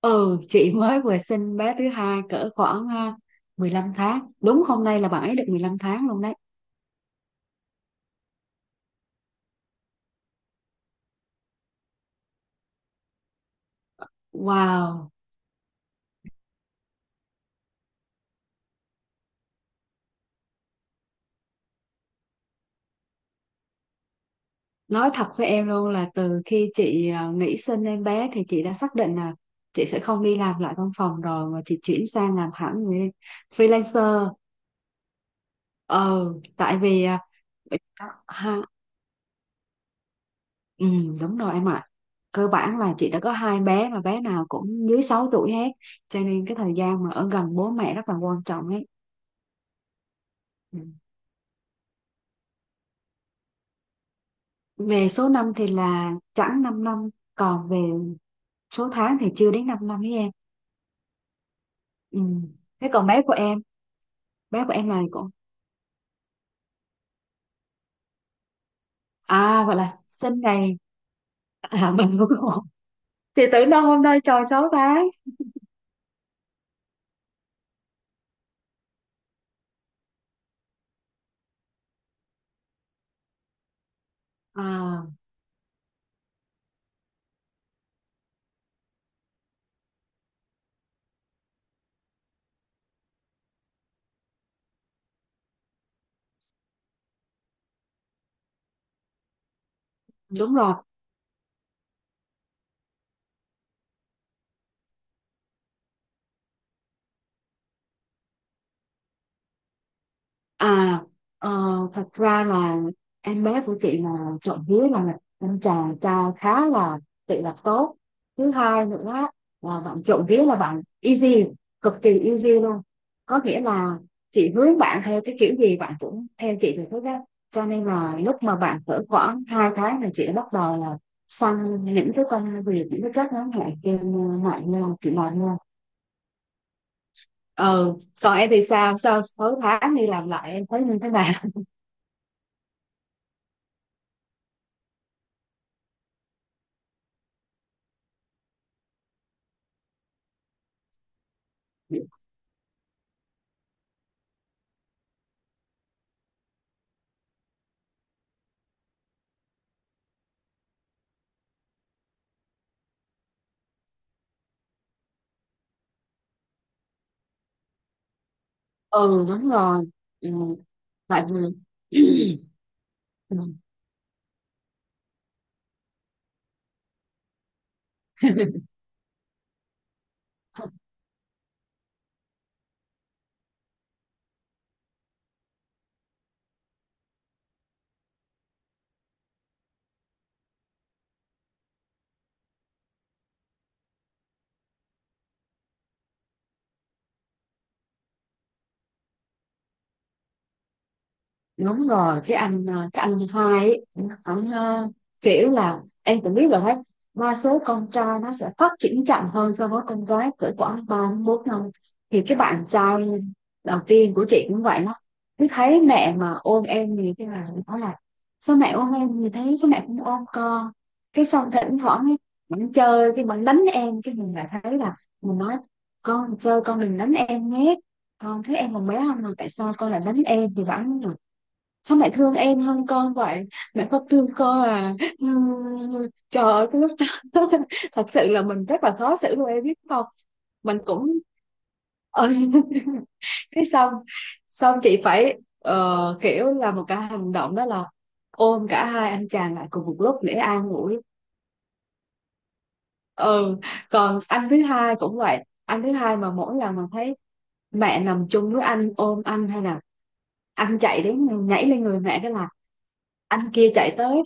Ừ, chị mới vừa sinh bé thứ hai cỡ khoảng 15 tháng. Đúng hôm nay là bạn ấy được 15 tháng luôn đấy. Wow, nói thật với em luôn là từ khi chị nghỉ sinh em bé thì chị đã xác định là chị sẽ không đi làm lại văn phòng rồi mà chị chuyển sang làm hẳn người freelancer. Ờ Tại vì ha, ừ, đúng rồi em ạ. Cơ bản là chị đã có hai bé mà bé nào cũng dưới 6 tuổi hết. Cho nên cái thời gian mà ở gần bố mẹ rất là quan trọng ấy. Ừ. Về số năm thì là chẳng 5 năm, còn về số tháng thì chưa đến 5 năm với em. Ừ. Thế còn bé của em là cũng gọi là sinh ngày mình cũng thì tưởng đâu hôm nay tròn 6 tháng. À, đúng rồi. À, ờ, Thật ra là em bé của chị là trộm vía là anh chàng trai khá là tự lập tốt. Thứ hai nữa là bạn trộm vía là bạn easy, cực kỳ easy luôn. Có nghĩa là chị hướng bạn theo cái kiểu gì bạn cũng theo chị được hết á. Cho nên là lúc mà bạn cỡ khoảng 2 tháng là chị đã bắt đầu là sang những cái công việc, những cái trách ngắn hạn trên mạng như chị nói luôn. Ừ, còn em thì sao? Sau 6 tháng đi làm lại em thấy như thế nào? Ừ, đúng rồi. Ừ, tại vì đúng rồi. Cái anh cái anh hai ấy, ảnh, kiểu là em cũng biết rồi đấy, đa số con trai nó sẽ phát triển chậm hơn so với con gái cỡ khoảng 3 đến 4 năm. Thì cái bạn trai đầu tiên của chị cũng vậy đó, cứ thấy mẹ mà ôm em thì cái là nó là sao mẹ ôm em, thì thấy sao mẹ cũng ôm con. Cái xong thỉnh thoảng ấy, mình chơi cái mình đánh em, cái mình lại thấy là mình nói con chơi con đừng đánh em nhé, con thấy em còn bé không mà tại sao con lại đánh em, thì vẫn sao mẹ thương em hơn con vậy, mẹ không thương con à. Trời ơi cái lúc đó thật sự là mình rất là khó xử luôn em biết không. Mình cũng ừ. Cái xong, chị phải, kiểu là một cái hành động đó là ôm cả hai anh chàng lại cùng một lúc để an ủi. Ừ, còn anh thứ hai cũng vậy, anh thứ hai mà mỗi lần mà thấy mẹ nằm chung với anh ôm anh hay là anh chạy đến nhảy lên người mẹ, cái là anh kia chạy tới.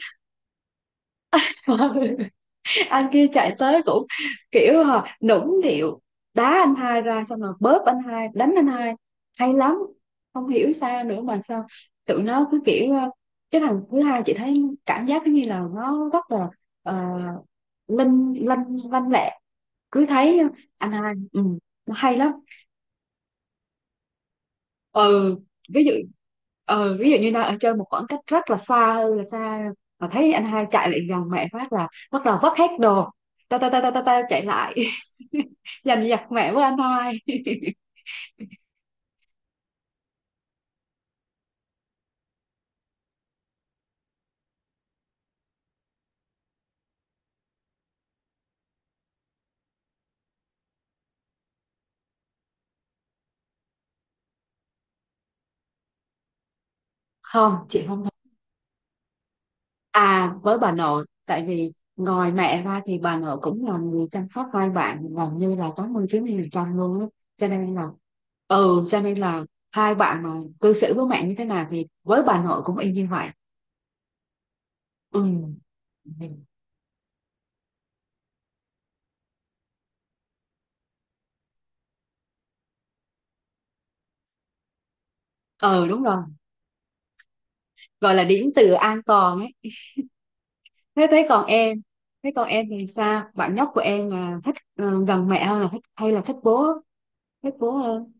Anh kia chạy tới cũng kiểu hả, nũng nịu đá anh hai ra xong rồi bóp anh hai đánh anh hai, hay lắm. Không hiểu sao nữa mà sao tụi nó cứ kiểu, cái thằng thứ hai chị thấy cảm giác như là nó rất là uh, linh lanh, lanh lẹ. Cứ thấy anh hai, ừ, nó hay lắm. Ừ, ví dụ, ừ, ví dụ như đang ở chơi một khoảng cách rất là xa, hơi là xa, mà thấy anh hai chạy lại gần mẹ phát là bắt đầu vất hết đồ, ta ta ta ta ta, ta chạy lại giành giật mẹ với anh hai. Không chị không thích. À, với bà nội, tại vì ngoài mẹ ra thì bà nội cũng là người chăm sóc hai bạn gần như là 80 90% luôn á. Cho nên là, ừ, cho nên là hai bạn mà cư xử với mẹ như thế nào thì với bà nội cũng y như vậy. Ừ. Ừ, đúng rồi, gọi là điểm tựa an toàn ấy. Thế thế còn em, thế còn em thì sao, bạn nhóc của em là thích, gần mẹ hơn là thích, hay là thích bố, thích bố hơn?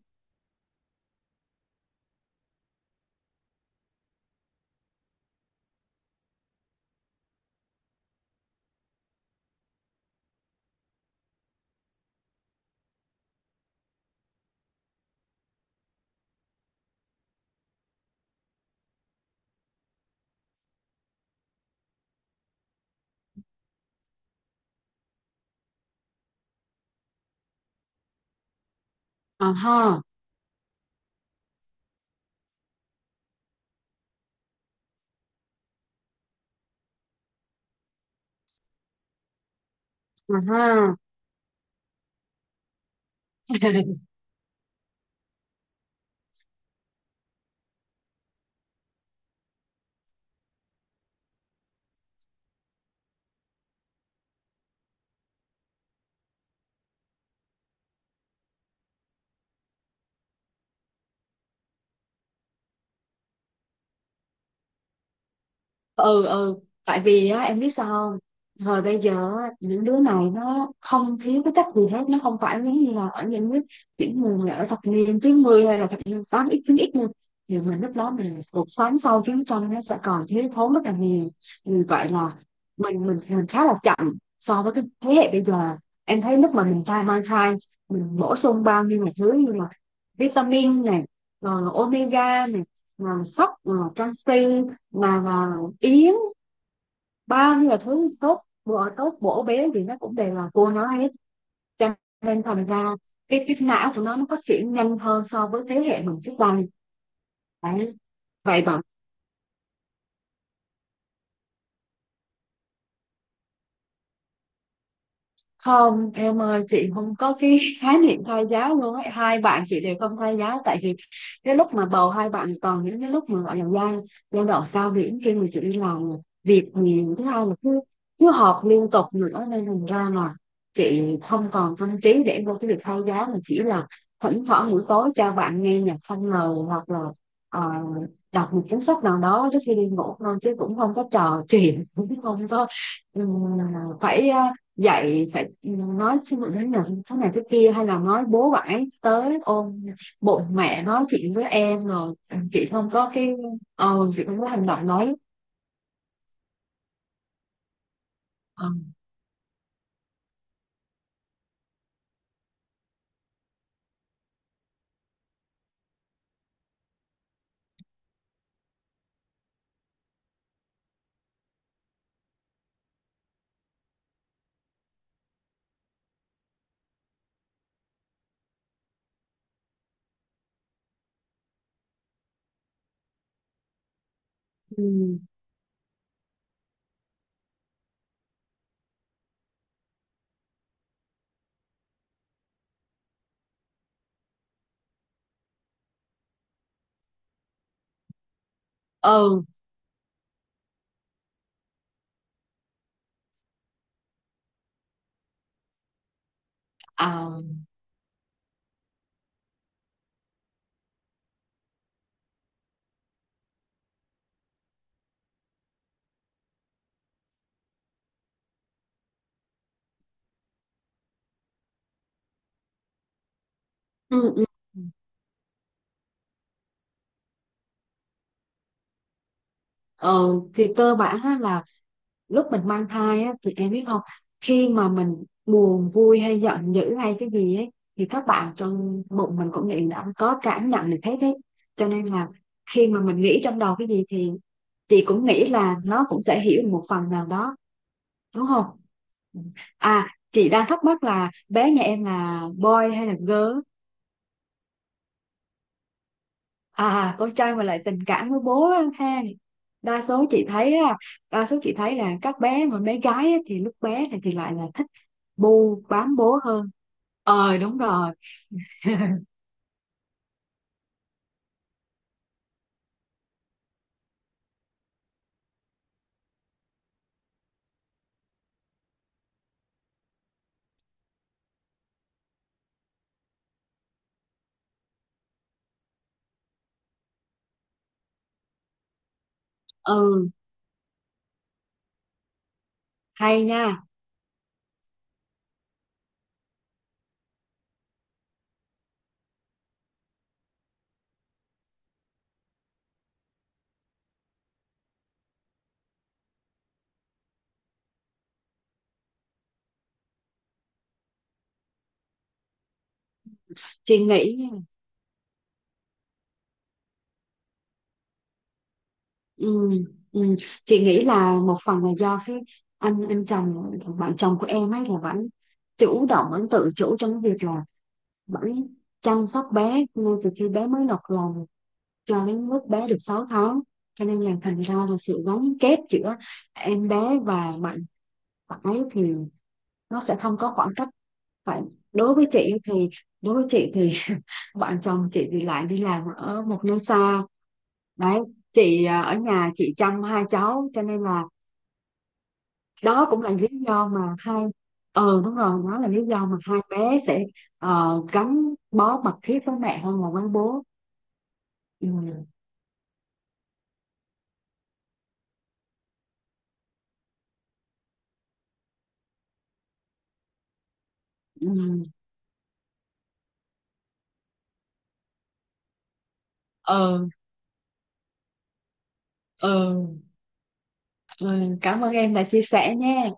À ha, à ha. Ừ, ừ, tại vì á em biết sao không, thời bây giờ á, những đứa này nó không thiếu cái cách gì hết, nó không phải giống như là ở những nước, những người mà ở thập niên 90 hay là thập niên tám x chín x luôn, thì mình lúc đó mình cuộc sống sau chiến tranh nó sẽ còn thiếu thốn rất là nhiều. Vì vậy là mình khá là chậm so với cái thế hệ bây giờ. Em thấy lúc mà mình thai mang thai, mình bổ sung bao nhiêu là thứ như là vitamin này, rồi omega này, là sắt là canxi, mà là yến, bao nhiêu là thứ tốt bữa tốt bổ béo thì nó cũng đều là cua nó hết. Cho nên thành ra cái não của nó phát triển nhanh hơn so với thế hệ mình trước đây đấy. Vậy mà không em ơi, chị không có cái khái niệm thai giáo luôn ấy, hai bạn chị đều không thai giáo. Tại vì cái lúc mà bầu hai bạn còn những cái lúc mà gọi là giai giai đoạn cao điểm khi mà chị đi làm việc nhiều, thứ hai là cứ cứ họp liên tục nữa, nên thành ra là chị không còn tâm trí để vô cái việc thai giáo, mà chỉ là thỉnh thoảng buổi tối cho bạn nghe nhạc không lời hoặc là, ờ, đọc một cuốn sách nào đó trước khi đi ngủ thôi, chứ cũng không có trò chuyện, cũng không có, ừ, phải, dạy phải nói xin lỗi đến nhận thế này thế kia hay là nói bố bãi tới ôm bụng mẹ nói chuyện với em rồi. Chị không có cái, chị không có hành động nói. ờ ừ, ờ à, ừ, ừ. ờ thì cơ bản là lúc mình mang thai á, thì em biết không, khi mà mình buồn vui hay giận dữ hay cái gì ấy thì các bạn trong bụng mình cũng nghĩ đã có cảm nhận được hết đấy. Cho nên là khi mà mình nghĩ trong đầu cái gì thì chị cũng nghĩ là nó cũng sẽ hiểu một phần nào đó, đúng không? À chị đang thắc mắc là bé nhà em là boy hay là girl. À, con trai mà lại tình cảm với bố á ha. Đa số chị thấy á, đa số chị thấy là các bé mà bé gái á, thì lúc bé này thì lại là thích bu bám bố hơn. Ờ đúng rồi. Ừ, hay nha. Chị nghĩ nha, ừ, ừ, chị nghĩ là một phần là do cái anh chồng, bạn chồng của em ấy là vẫn chủ động, vẫn tự chủ trong cái việc là vẫn chăm sóc bé ngay từ khi bé mới nọc lòng cho đến lúc bé được 6 tháng. Cho nên là thành ra là sự gắn kết giữa em bé và bạn phải thì nó sẽ không có khoảng cách, phải. Đối với chị thì, đối với chị thì, bạn chồng chị thì lại đi làm ở một nơi xa đấy. Chị, ở nhà chị chăm hai cháu, cho nên là đó cũng là lý do mà hai, đúng rồi, đó là lý do mà hai bé sẽ, gắn bó mật thiết với mẹ hơn là với bố. Ừ. Ừ. ờ ờ Ừ, cảm ơn em đã chia sẻ nha.